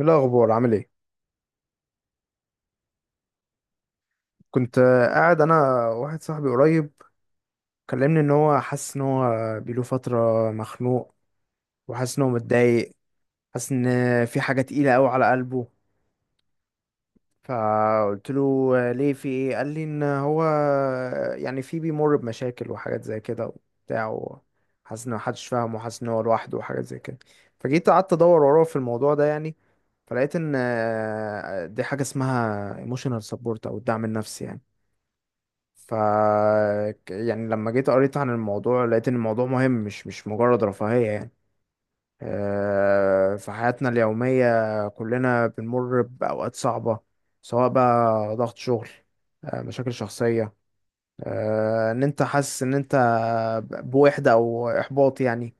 ايه الاخبار؟ عامل ايه؟ كنت قاعد انا واحد صاحبي قريب كلمني ان هو حاسس ان هو بيله فتره مخنوق، وحاسس ان هو متضايق. حاسس ان في حاجه تقيله قوي على قلبه. فقلت له ليه؟ في ايه؟ قال لي ان هو يعني في، بيمر بمشاكل وحاجات زي كده وبتاع. حاسس ان محدش فاهمه وحاسس ان هو لوحده وحاجات زي كده. فجيت قعدت ادور وراه في الموضوع ده يعني. فلقيت ان دي حاجه اسمها emotional support او الدعم النفسي يعني. ف يعني لما جيت قريت عن الموضوع لقيت ان الموضوع مهم، مش مش مجرد رفاهية يعني. في حياتنا اليومية كلنا بنمر بأوقات صعبة، سواء بقى ضغط شغل، مشاكل شخصية، ان انت حاسس ان انت بوحدة او احباط يعني.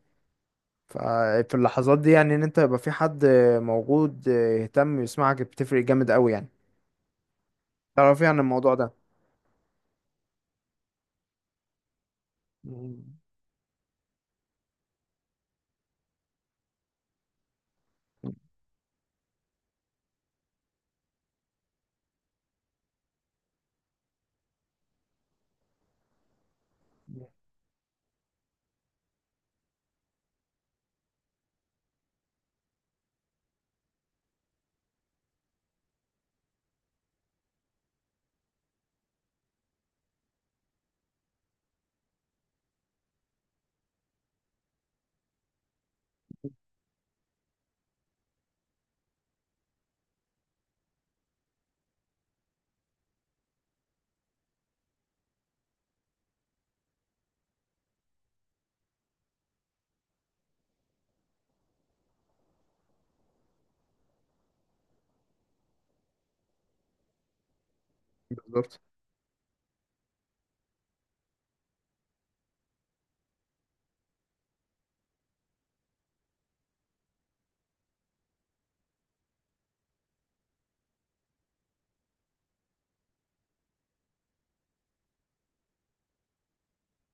ففي اللحظات دي يعني ان انت يبقى في حد موجود يهتم يسمعك، بتفرق جامد قوي يعني. تعرف ايه عن الموضوع ده؟ مم. بالظبط.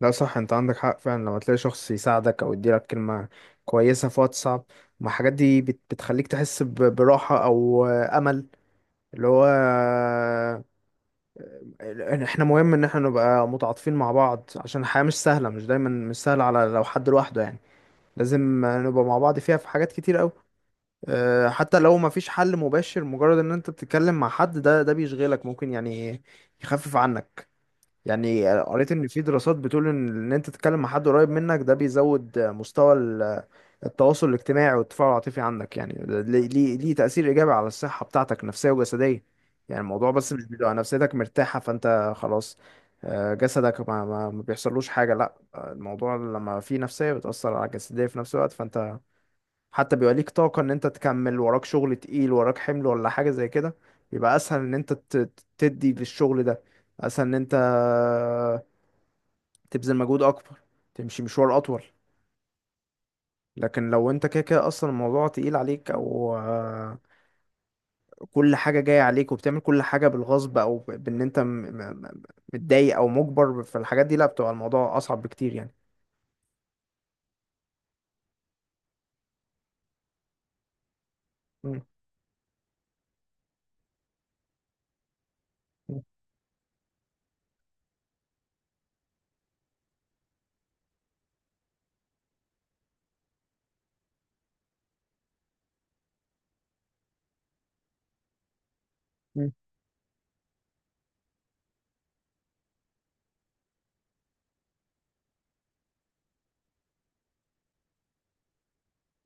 لا، صح، انت عندك حق فعلا. لما تلاقي شخص يساعدك او يديلك كلمة كويسة في وقت صعب، ما الحاجات دي بتخليك تحس براحة او امل. اللي هو ان احنا مهم ان احنا نبقى متعاطفين مع بعض، عشان الحياة مش سهلة، مش دايما مش سهلة على لو حد لوحده يعني. لازم نبقى مع بعض، فيها في حاجات كتير قوي. اه، حتى لو ما فيش حل مباشر، مجرد ان انت بتتكلم مع حد، ده بيشغلك ممكن يعني، يخفف عنك. يعني قريت ان في دراسات بتقول ان انت تتكلم مع حد قريب منك، ده بيزود مستوى التواصل الاجتماعي والتفاعل العاطفي عندك يعني. ده ليه تأثير ايجابي على الصحة بتاعتك، نفسية وجسدية. يعني الموضوع بس مش بيبقى نفسيتك مرتاحة فانت خلاص، جسدك ما بيحصلوش حاجة، لا الموضوع لما في نفسية بتأثر على الجسدية في نفس الوقت. فانت حتى بيبقى ليك طاقة ان انت تكمل، وراك شغل تقيل، وراك حمل ولا حاجة زي كده، بيبقى اسهل ان انت تدي للشغل ده. اسهل ان انت تبذل مجهود اكبر، تمشي مشوار اطول. لكن لو انت كده كده اصلا الموضوع تقيل عليك، او كل حاجة جاية عليك وبتعمل كل حاجة بالغصب، او بان انت متضايق او مجبر في الحاجات دي، لا، بتبقى الموضوع اصعب بكتير يعني. مم. مم.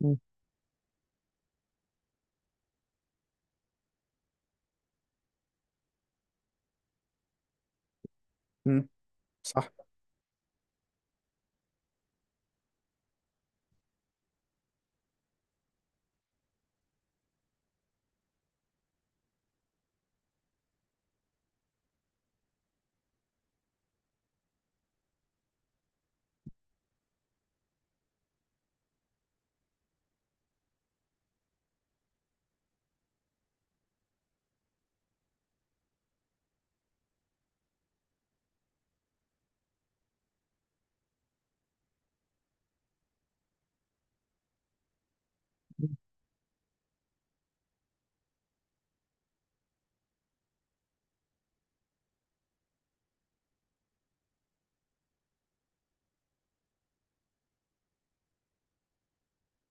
مم. مم. صح،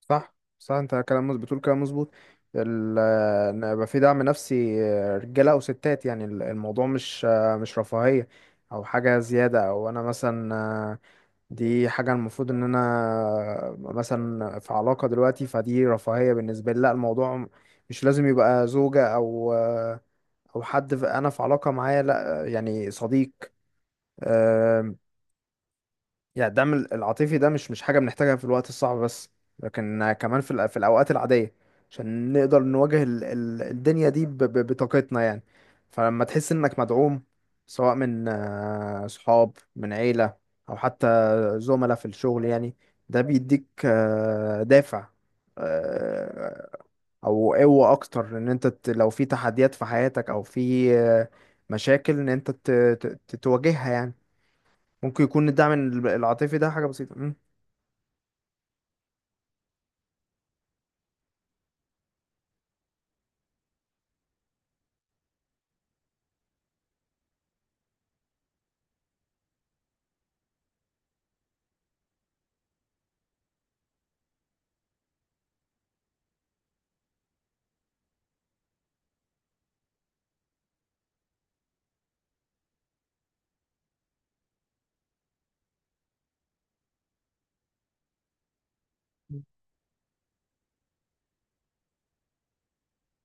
صح، صح، انت كلام مظبوط بتقول، كلام مظبوط. ال- ان يبقى في دعم نفسي، رجاله او ستات يعني، الموضوع مش رفاهيه او حاجه زياده. او انا مثلا دي حاجه المفروض ان انا مثلا في علاقه دلوقتي فدي رفاهيه بالنسبه لي، لا، الموضوع مش لازم يبقى زوجه او او حد انا في علاقه معاه، لا يعني صديق. آه، يعني الدعم العاطفي ده مش حاجة بنحتاجها في الوقت الصعب بس، لكن كمان في في الأوقات العادية، عشان نقدر نواجه الدنيا دي بطاقتنا يعني. فلما تحس إنك مدعوم، سواء من صحاب، من عيلة، أو حتى زملاء في الشغل يعني، ده بيديك دافع، آه، او قوة اكتر ان انت لو في تحديات في حياتك او في مشاكل ان انت تواجهها يعني. ممكن يكون الدعم العاطفي ده حاجة بسيطة. مم.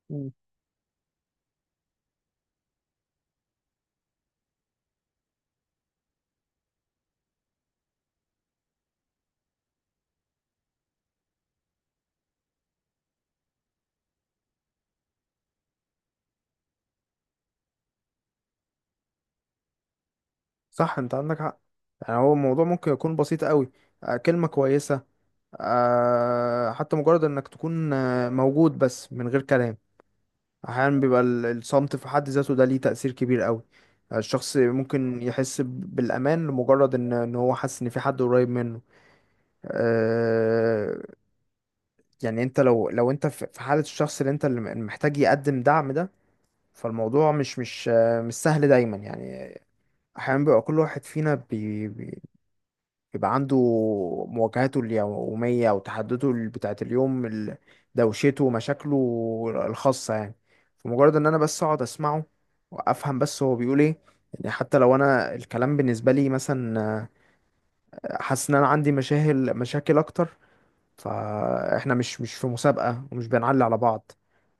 مم. صح، انت عندك حق. يعني هو الموضوع ممكن يكون بسيط قوي. كلمة كويسة، حتى مجرد انك تكون موجود بس من غير كلام. احيانا بيبقى الصمت في حد ذاته ده ليه تأثير كبير قوي. الشخص ممكن يحس بالأمان، لمجرد ان هو حاسس ان في حد قريب منه. آه، يعني انت، لو انت في حالة الشخص اللي محتاج يقدم دعم ده، فالموضوع مش سهل دايما يعني. أحيانا بيبقى كل واحد فينا بيبقى عنده مواجهاته اليومية، وتحدده بتاعة اليوم، دوشته ومشاكله الخاصة يعني. فمجرد إن أنا بس أقعد أسمعه، وأفهم بس هو بيقول إيه. يعني حتى لو أنا الكلام بالنسبة لي مثلا حاسس إن أنا عندي مشاكل، مشاكل أكتر، فإحنا مش في مسابقة، ومش بنعلي على بعض.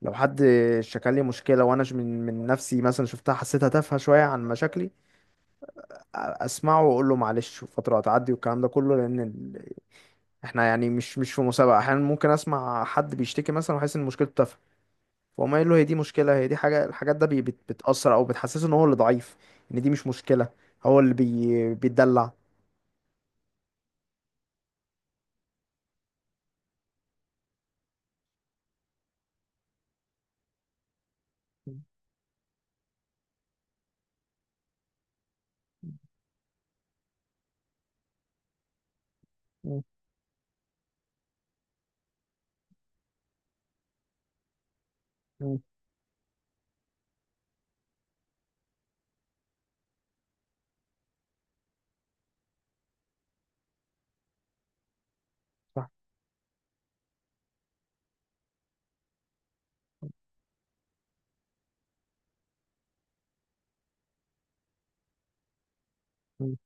لو حد شكل لي مشكلة، وأنا من نفسي مثلا شفتها، حسيتها تافهة شوية عن مشاكلي، اسمعه واقول له معلش فتره هتعدي والكلام ده كله. لان احنا يعني مش في مسابقه. احيانا ممكن اسمع حد بيشتكي مثلا وحاسس ان مشكلته تافهه، فاقوم قايل له هي دي مشكله؟ هي دي حاجه؟ الحاجات ده بتاثر او بتحسسه ان هو اللي ضعيف، ان دي مش مشكله، هو اللي بيتدلع. مم. مم. صح. مم.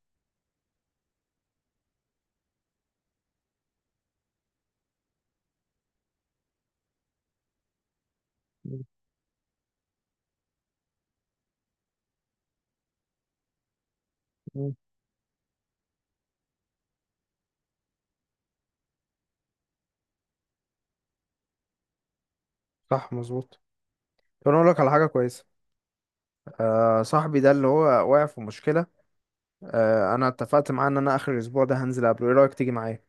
مم. مم. صح مظبوط. طب انا اقول لك على حاجه كويسه. صاحبي ده اللي هو واقع في مشكله، انا اتفقت معاه ان انا اخر الاسبوع ده هنزل قبله، ايه رايك تيجي معايا؟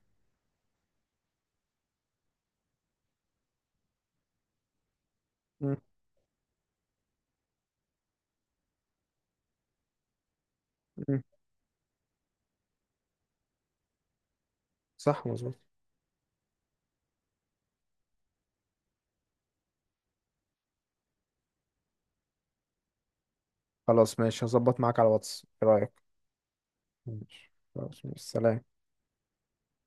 مم. مم. صح مظبوط. خلاص ماشي، هظبط معاك على واتس، ايه رأيك؟ ماشي خلاص، ماشي. سلام.